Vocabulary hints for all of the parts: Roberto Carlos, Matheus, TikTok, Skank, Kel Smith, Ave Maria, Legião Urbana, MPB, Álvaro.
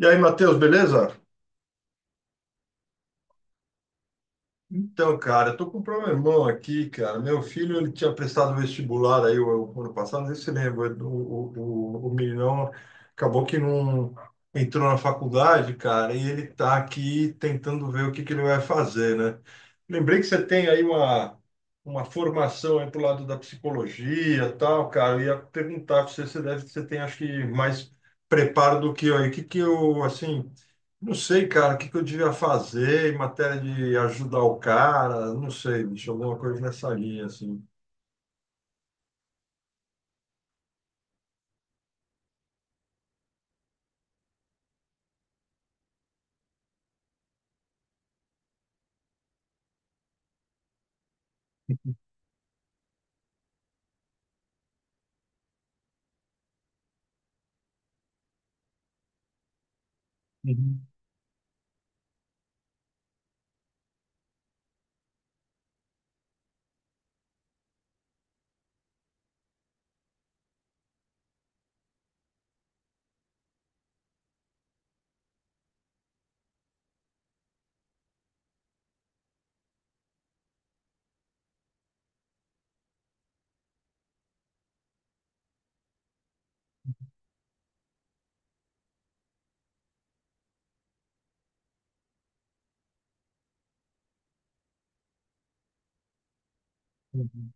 E aí, Matheus, beleza? Então, cara, eu tô com um problemão aqui, cara. Meu filho, ele tinha prestado vestibular aí o ano passado, não sei se você lembra, o meninão acabou que não entrou na faculdade, cara, e ele tá aqui tentando ver o que que ele vai fazer, né? Lembrei que você tem aí uma formação aí pro lado da psicologia e tal, cara. Eu ia perguntar pra você, você deve, você tem, acho que, mais preparo do que eu aí. O que que eu, assim. Não sei, cara, o que que eu devia fazer em matéria de ajudar o cara, não sei, bicho, alguma coisa nessa linha, assim. Uhum, uhum,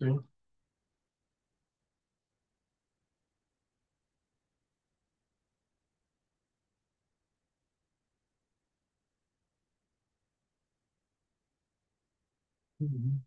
Sim. Uhum.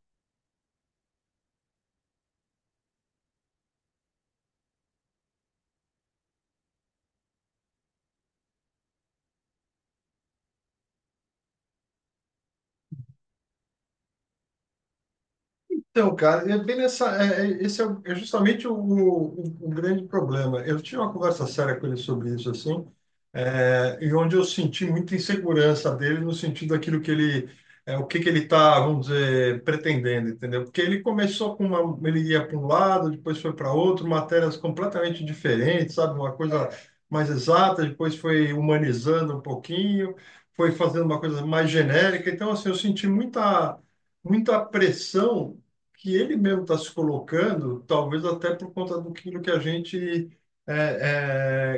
Então, cara, é bem nessa, esse é, é justamente o grande problema. Eu tinha uma conversa séria com ele sobre isso, assim, e onde eu senti muita insegurança dele no sentido daquilo que ele, o que que ele está, vamos dizer, pretendendo, entendeu? Porque ele começou com uma, ele ia para um lado, depois foi para outro, matérias completamente diferentes, sabe? Uma coisa mais exata, depois foi humanizando um pouquinho, foi fazendo uma coisa mais genérica. Então, assim, eu senti muita pressão que ele mesmo está se colocando, talvez até por conta do que a gente é,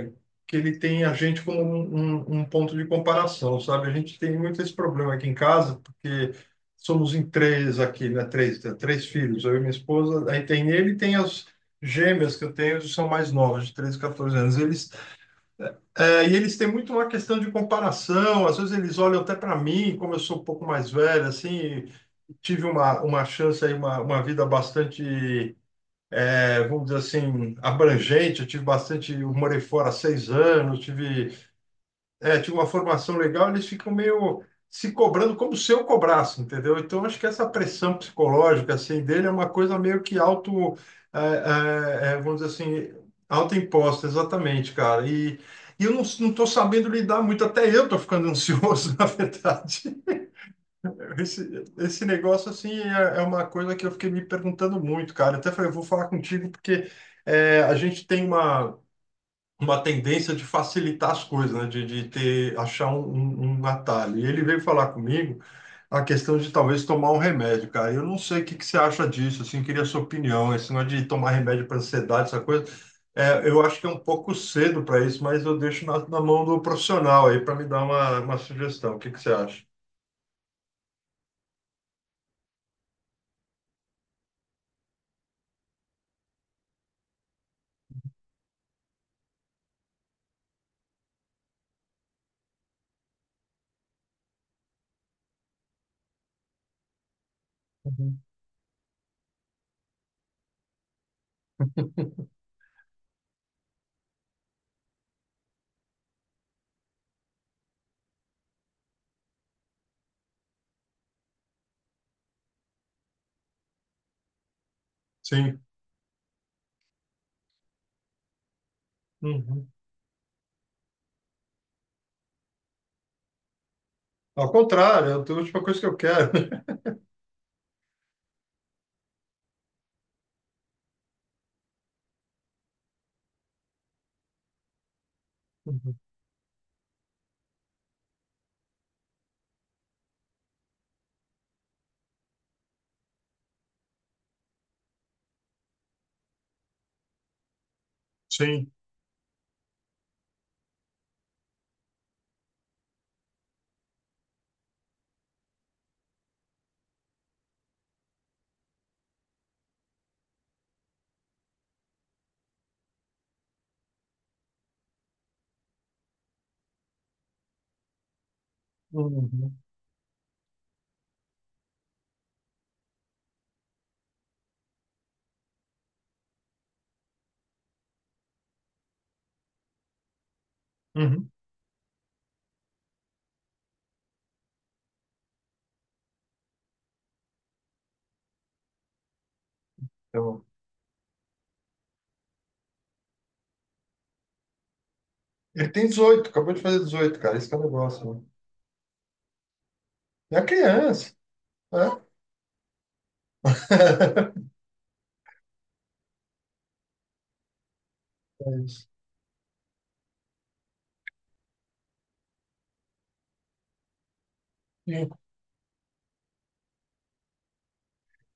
é, que ele tem a gente como um, um ponto de comparação, sabe? A gente tem muito esse problema aqui em casa, porque somos em três aqui, né? Três, três filhos, eu e minha esposa, aí tem ele e tem as gêmeas que eu tenho, que são mais novas, de 13, 14 anos. Eles, e eles têm muito uma questão de comparação, às vezes eles olham até para mim, como eu sou um pouco mais velho, assim, tive uma chance aí, uma vida bastante, vamos dizer assim, abrangente. Eu tive bastante, eu morei fora há 6 anos, tive, tive uma formação legal, eles ficam meio se cobrando como se eu cobrasse, entendeu? Então, acho que essa pressão psicológica, assim, dele é uma coisa meio que auto, vamos dizer assim, autoimposta, exatamente, cara. E eu não estou sabendo lidar muito, até eu estou ficando ansioso, na verdade. Esse negócio, assim, é, é uma coisa que eu fiquei me perguntando muito, cara. Até falei, eu vou falar contigo porque a gente tem uma tendência de facilitar as coisas, né? De ter, achar um, um, um atalho. E ele veio falar comigo a questão de talvez tomar um remédio, cara. Eu não sei o que que você acha disso, assim, queria a sua opinião. Esse negócio de tomar remédio para ansiedade, essa coisa, eu acho que é um pouco cedo para isso, mas eu deixo na, na mão do profissional aí para me dar uma sugestão. O que que você acha? Uhum. Sim. Uhum. Ao contrário, é a última coisa que eu quero. Uhum. Sim. Uhum. Uhum. Então, ele tem 18, acabou de fazer 18, cara. Isso que é o negócio, né? É a criança. Né? É isso. E-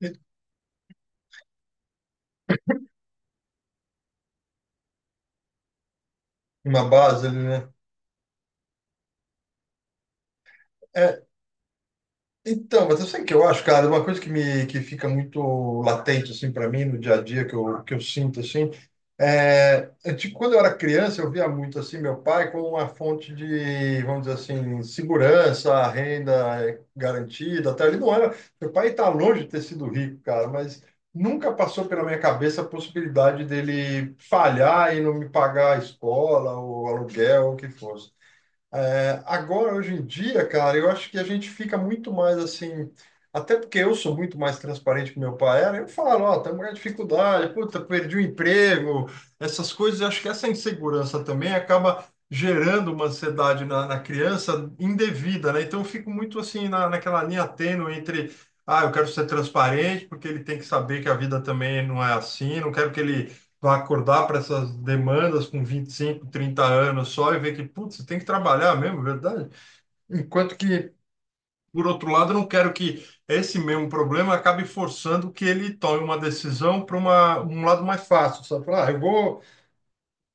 e- Uma base ali, né? É, então, mas eu sei que eu acho, cara, uma coisa que me que fica muito latente assim para mim no dia a dia que eu sinto assim, é, é tipo, quando eu era criança, eu via muito assim meu pai como uma fonte de, vamos dizer assim, segurança, renda garantida. Até ele não era. Meu pai está longe de ter sido rico, cara, mas nunca passou pela minha cabeça a possibilidade dele falhar e não me pagar a escola, o aluguel, o que fosse. É, agora, hoje em dia, cara, eu acho que a gente fica muito mais assim. Até porque eu sou muito mais transparente que meu pai era, eu falo, ó, estamos com dificuldade, puta, perdi o emprego, essas coisas, eu acho que essa insegurança também acaba gerando uma ansiedade na, na criança indevida, né? Então eu fico muito assim na, naquela linha tênue entre, ah, eu quero ser transparente, porque ele tem que saber que a vida também não é assim, não quero que ele vai acordar para essas demandas com 25, 30 anos só e ver que, putz, você tem que trabalhar mesmo, é verdade? Enquanto que, por outro lado, eu não quero que esse mesmo problema acabe forçando que ele tome uma decisão para uma um lado mais fácil, sabe? Falar, ah, eu vou,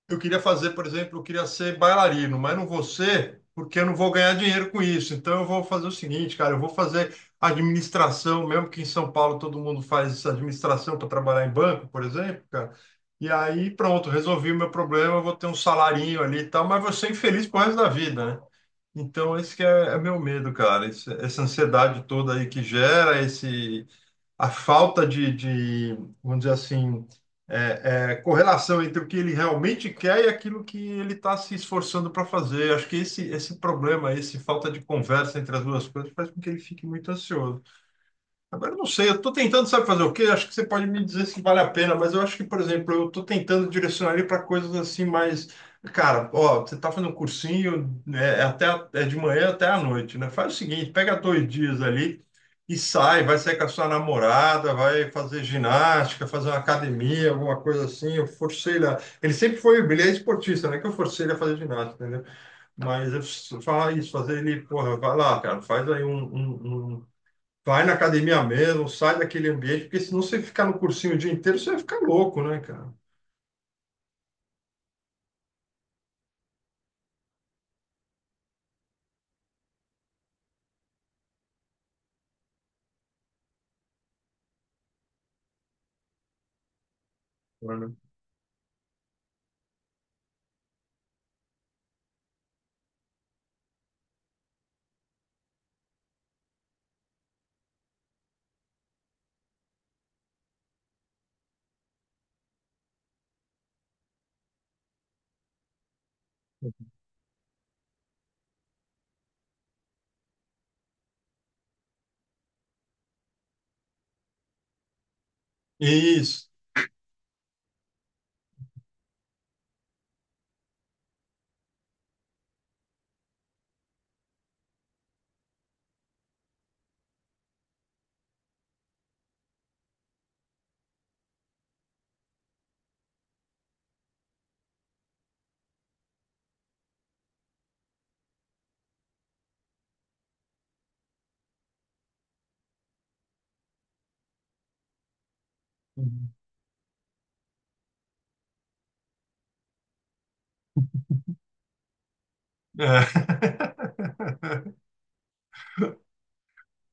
eu queria fazer, por exemplo, eu queria ser bailarino, mas não vou ser porque eu não vou ganhar dinheiro com isso. Então eu vou fazer o seguinte, cara, eu vou fazer administração, mesmo que em São Paulo todo mundo faz essa administração para trabalhar em banco, por exemplo, cara. E aí pronto, resolvi o meu problema, eu vou ter um salarinho ali e tal, mas vou ser infeliz pro resto da vida, né? Então esse que é, é meu medo, cara, essa ansiedade toda aí que gera esse a falta de, vamos dizer assim, correlação entre o que ele realmente quer e aquilo que ele está se esforçando para fazer. Acho que esse problema, esse falta de conversa entre as duas coisas, faz com que ele fique muito ansioso. Agora, eu não sei, eu estou tentando, sabe fazer o quê? Acho que você pode me dizer se vale a pena, mas eu acho que, por exemplo, eu estou tentando direcionar ele para coisas assim mais. Cara, ó, você está fazendo um cursinho, até, é de manhã até à noite, né? Faz o seguinte, pega dois dias ali e sai, vai sair com a sua namorada, vai fazer ginástica, fazer uma academia, alguma coisa assim. Eu forcei ele a... Ele sempre foi, ele é esportista, né? Que eu forcei ele a fazer ginástica, entendeu? Mas eu falar isso, fazer ele, porra, vai lá, cara, faz aí um, um, um. Vai na academia mesmo, sai daquele ambiente, porque senão você ficar no cursinho o dia inteiro, você vai ficar louco, né, cara? Claro. Isso. É.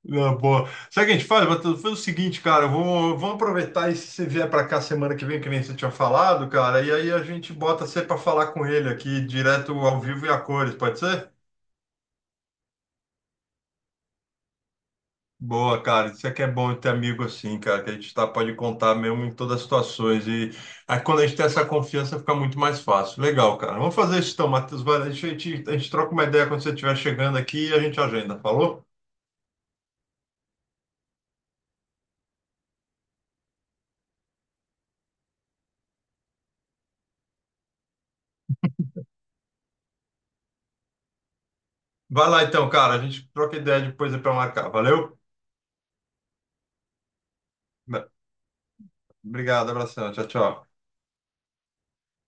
Não, boa. Sabe o que a gente faz, Matheus? Faz o seguinte, cara, eu vou, vamos aproveitar e se você vier para cá semana que vem, que nem você tinha falado, cara, e aí a gente bota você para falar com ele aqui, direto ao vivo e a cores, pode ser? Boa, cara. Isso é que é bom ter amigo assim, cara, que a gente tá, pode contar mesmo em todas as situações. E aí, quando a gente tem essa confiança, fica muito mais fácil. Legal, cara. Vamos fazer isso então, Matheus. Vai, a gente troca uma ideia quando você estiver chegando aqui e a gente agenda, falou? Vai lá então, cara. A gente troca ideia depois para marcar. Valeu? Obrigado, abração. Tchau, tchau.